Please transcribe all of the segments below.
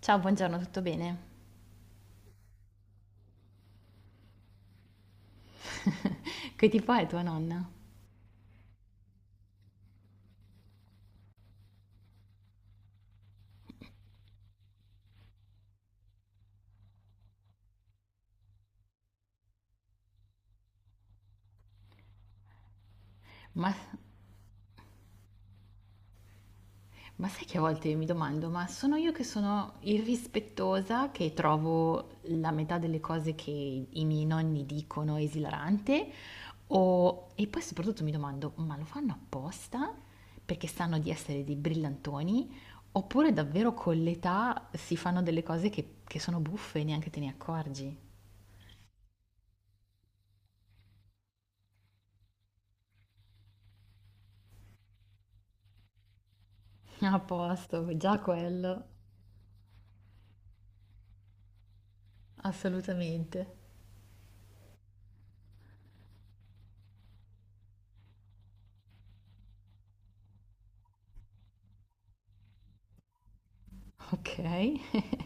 Ciao, buongiorno, tutto bene? Che tipo è tua nonna? Ma, ma sai che a volte io mi domando, ma sono io che sono irrispettosa, che trovo la metà delle cose che i miei nonni dicono esilarante? O, e poi soprattutto mi domando, ma lo fanno apposta? Perché sanno di essere dei brillantoni? Oppure davvero con l'età si fanno delle cose che sono buffe e neanche te ne accorgi? A posto, già quello, assolutamente. Ok.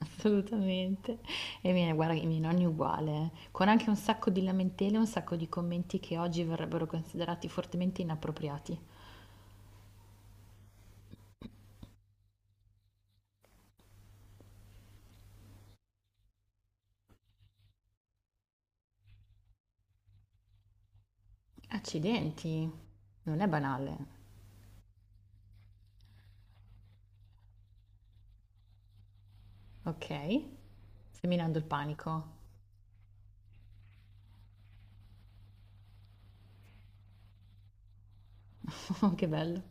Assolutamente. E i miei guarda, i miei nonni uguale, con anche un sacco di lamentele, un sacco di commenti che oggi verrebbero considerati fortemente inappropriati. Accidenti, non è banale. Ok, seminando il panico. Che bello.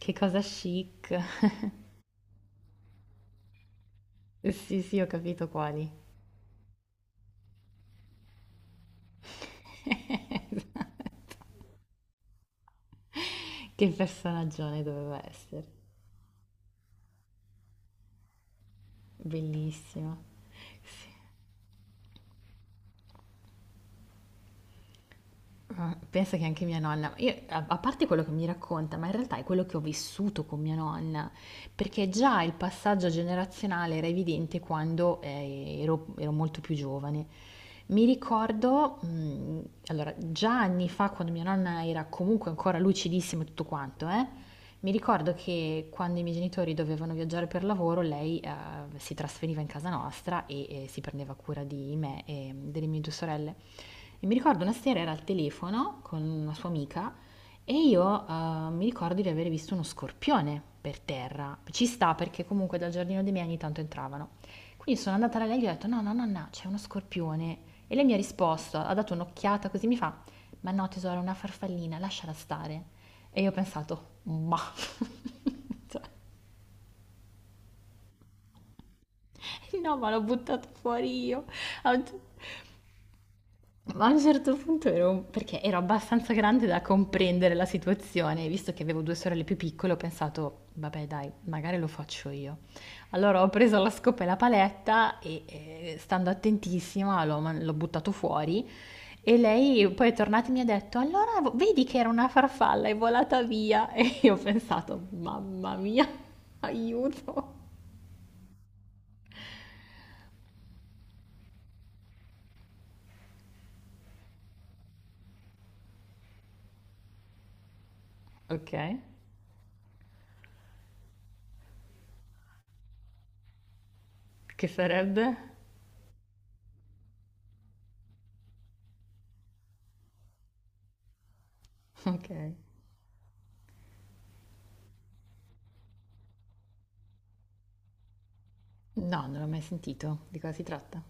Che cosa chic. Sì, sì, ho capito quali. Che personaggione doveva essere. Bellissimo. Sì. Ah, pensa che anche mia nonna, io, a parte quello che mi racconta, ma in realtà è quello che ho vissuto con mia nonna, perché già il passaggio generazionale era evidente quando ero molto più giovane. Mi ricordo, allora, già anni fa, quando mia nonna era comunque ancora lucidissima e tutto quanto, mi ricordo che quando i miei genitori dovevano viaggiare per lavoro, lei si trasferiva in casa nostra e si prendeva cura di me e delle mie due sorelle. E mi ricordo una sera era al telefono con una sua amica e io mi ricordo di aver visto uno scorpione per terra. Ci sta perché comunque dal giardino dei miei ogni tanto entravano. Quindi sono andata da lei e gli ho detto: "No, no, nonna, c'è uno scorpione". E lei mi ha risposto, ha dato un'occhiata così, mi fa: "Ma no tesoro, è una farfallina, lasciala stare". E io ho pensato: "Mah". Cioè, no, ma l'ho buttato fuori io. A un ce Ma a un certo punto ero, perché ero abbastanza grande da comprendere la situazione, e visto che avevo due sorelle più piccole, ho pensato, vabbè dai, magari lo faccio io. Allora ho preso la scopa e la paletta e stando attentissima l'ho buttato fuori e lei poi è tornata e mi ha detto, allora vedi che era una farfalla, è volata via. E io ho pensato, mamma mia, aiuto. Ok, che sarebbe? Ok. No, non l'ho mai sentito, di cosa si tratta?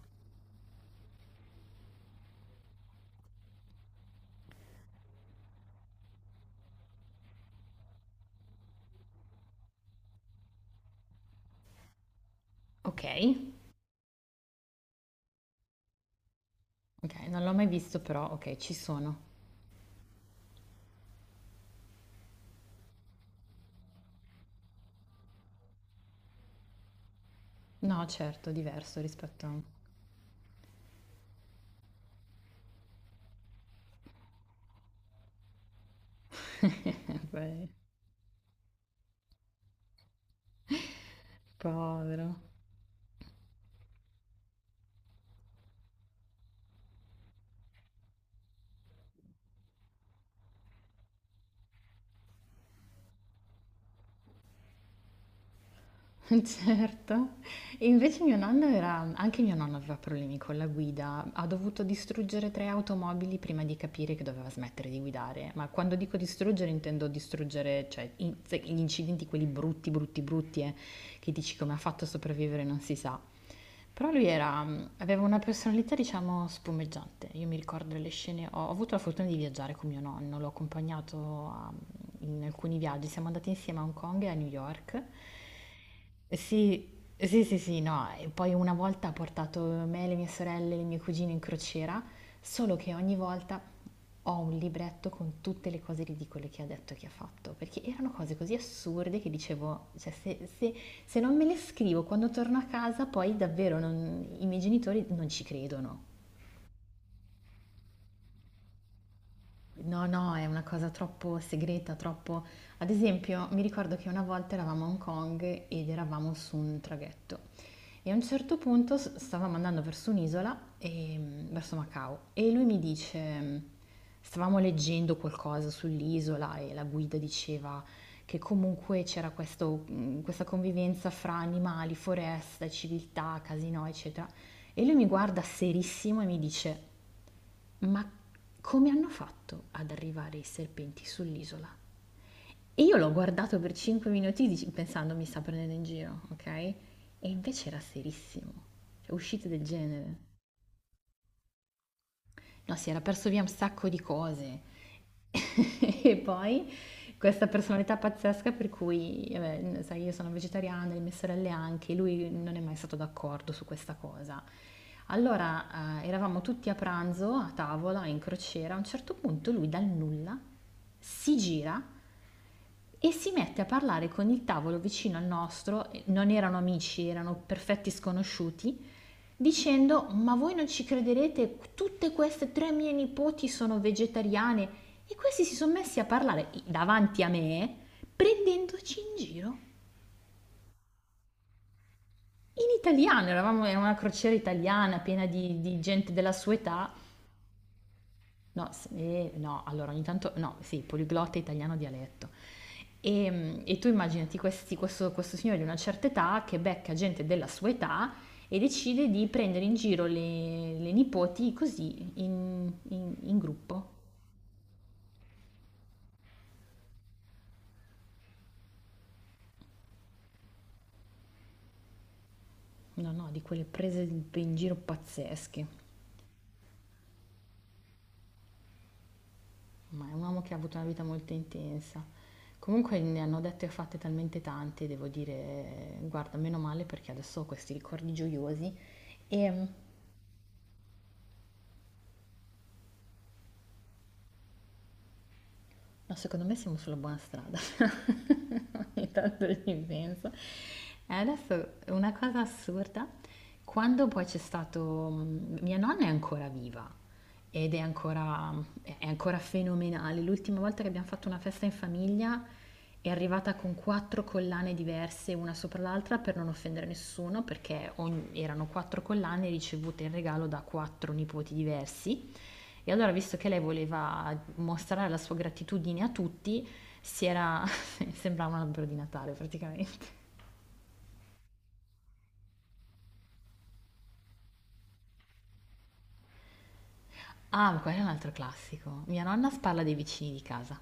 Okay, okay, non l'ho mai visto però okay, ci sono. No certo, diverso rispetto a eh beh, povero. Certo. E invece mio nonno era anche mio nonno aveva problemi con la guida, ha dovuto distruggere tre automobili prima di capire che doveva smettere di guidare, ma quando dico distruggere intendo distruggere, cioè gli incidenti quelli brutti, brutti, brutti, che dici come ha fatto a sopravvivere non si sa. Però lui aveva una personalità, diciamo, spumeggiante. Io mi ricordo le scene, ho avuto la fortuna di viaggiare con mio nonno, l'ho accompagnato a in alcuni viaggi, siamo andati insieme a Hong Kong e a New York. Sì, sì, sì, sì, no. E poi una volta ha portato me, le mie sorelle, le mie cugine in crociera, solo che ogni volta ho un libretto con tutte le cose ridicole che ha detto e che ha fatto, perché erano cose così assurde che dicevo, cioè se non me le scrivo quando torno a casa, poi davvero i miei genitori non ci credono. No, no, è una cosa troppo segreta, troppo... Ad esempio, mi ricordo che una volta eravamo a Hong Kong ed eravamo su un traghetto e a un certo punto stavamo andando verso un'isola, e, verso Macao, e lui mi dice, stavamo leggendo qualcosa sull'isola e la guida diceva che comunque c'era questa convivenza fra animali, foresta, civiltà, casino, eccetera. E lui mi guarda serissimo e mi dice... Ma come hanno fatto ad arrivare i serpenti sull'isola? E io l'ho guardato per 5 minuti pensando mi sta prendendo in giro, ok? E invece era serissimo, cioè uscite del genere. No, si era perso via un sacco di cose. E poi questa personalità pazzesca per cui, vabbè, sai, io sono vegetariana, le mie sorelle anche, lui non è mai stato d'accordo su questa cosa. Allora, eravamo tutti a pranzo, a tavola, in crociera, a un certo punto lui dal nulla si gira e si mette a parlare con il tavolo vicino al nostro, e non erano amici, erano perfetti sconosciuti, dicendo: Ma voi non ci crederete, tutte queste tre mie nipoti sono vegetariane. E questi si sono messi a parlare davanti a me, prendendoci in giro. In italiano, eravamo in una crociera italiana piena di gente della sua età. No, s no, allora ogni tanto no, sì, poliglotta italiano dialetto. E tu immaginati questi questo signore di una certa età che becca gente della sua età e decide di prendere in giro le nipoti così in gruppo. No, no, di quelle prese p in giro pazzesche, ma è un uomo che ha avuto una vita molto intensa. Comunque ne hanno dette e fatte talmente tante, devo dire, guarda, meno male perché adesso ho questi ricordi gioiosi. Ehm No, secondo me siamo sulla buona strada. Ogni tanto ci penso. E adesso una cosa assurda, quando poi c'è stato. Mia nonna è ancora viva ed è ancora fenomenale. L'ultima volta che abbiamo fatto una festa in famiglia è arrivata con 4 collane diverse una sopra l'altra per non offendere nessuno, perché erano 4 collane ricevute in regalo da 4 nipoti diversi. E allora, visto che lei voleva mostrare la sua gratitudine a tutti, si era... sembrava un albero di Natale praticamente. Ah, ma quello è un altro classico. Mia nonna spalla dei vicini di casa.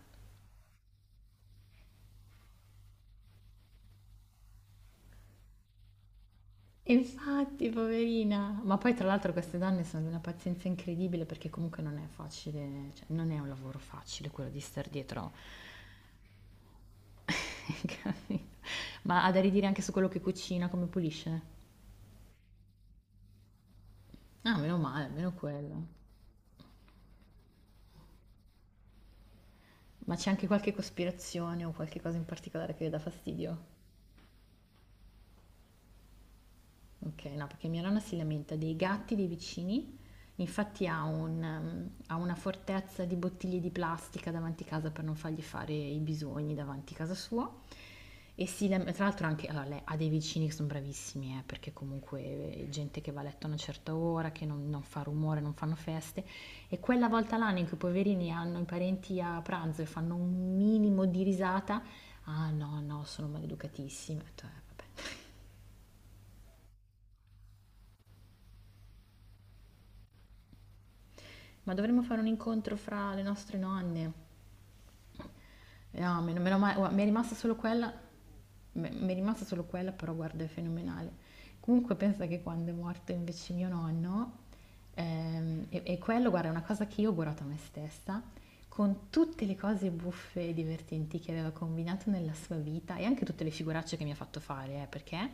Infatti, poverina. Ma poi tra l'altro queste donne sono di una pazienza incredibile perché comunque non è facile, cioè non è un lavoro facile quello di star dietro. Capito. Ma ha da ridire anche su quello che cucina, come pulisce? Ah, meno male, almeno quello. Ma c'è anche qualche cospirazione o qualche cosa in particolare che le dà fastidio? Okay, no, perché mia nonna si lamenta dei gatti dei vicini, infatti ha una fortezza di bottiglie di plastica davanti casa per non fargli fare i bisogni davanti casa sua e si lam tra l'altro anche allora lei ha dei vicini che son bravissimi, perché comunque gente che va a letto a una certa ora, che non fa rumore, non fanno feste, e quella volta l'anno in cui i poverini hanno i parenti a pranzo e fanno un minimo di risata: "Ah no, no, sono maleducatissimi." Ho detto: "Eh vabbè." Ma dovremmo fare un incontro fra le nostre nonne. No, meno male, guarda, mi è rimasta solo quella, mi è rimasta solo quella, però guarda, è fenomenale. Comunque pensa che quando è morto invece mio nonno, e quello, guarda, è una cosa che io ho augurato a me stessa, con tutte le cose buffe e divertenti che aveva combinato nella sua vita e anche tutte le figuracce che mi ha fatto fare, perché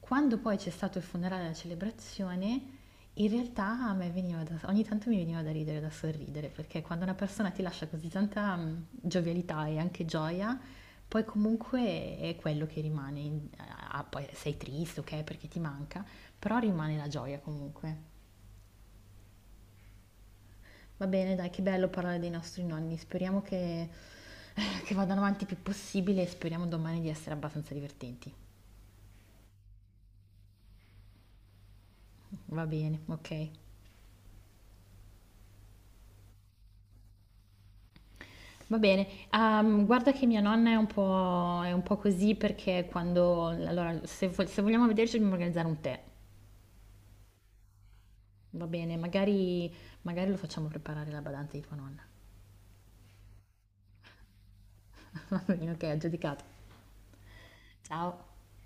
quando poi c'è stato il funerale e la celebrazione, in realtà a me veniva da ogni tanto mi veniva da ridere, da sorridere, perché quando una persona ti lascia così tanta, giovialità e anche gioia, poi comunque è quello che rimane in a poi sei triste, okay, perché ti manca, però rimane la gioia comunque. Va bene dai, che bello parlare dei nostri nonni, speriamo che vadano avanti il più possibile e speriamo domani di essere abbastanza divertenti. Va bene, okay. Va bene, guarda che mia nonna è un po' così perché quando allora se vogliamo vederci dobbiamo organizzare un tè, va bene? Magari lo facciamo preparare la badante di tua nonna. Va bene, okay, aggiudicato. Ciao.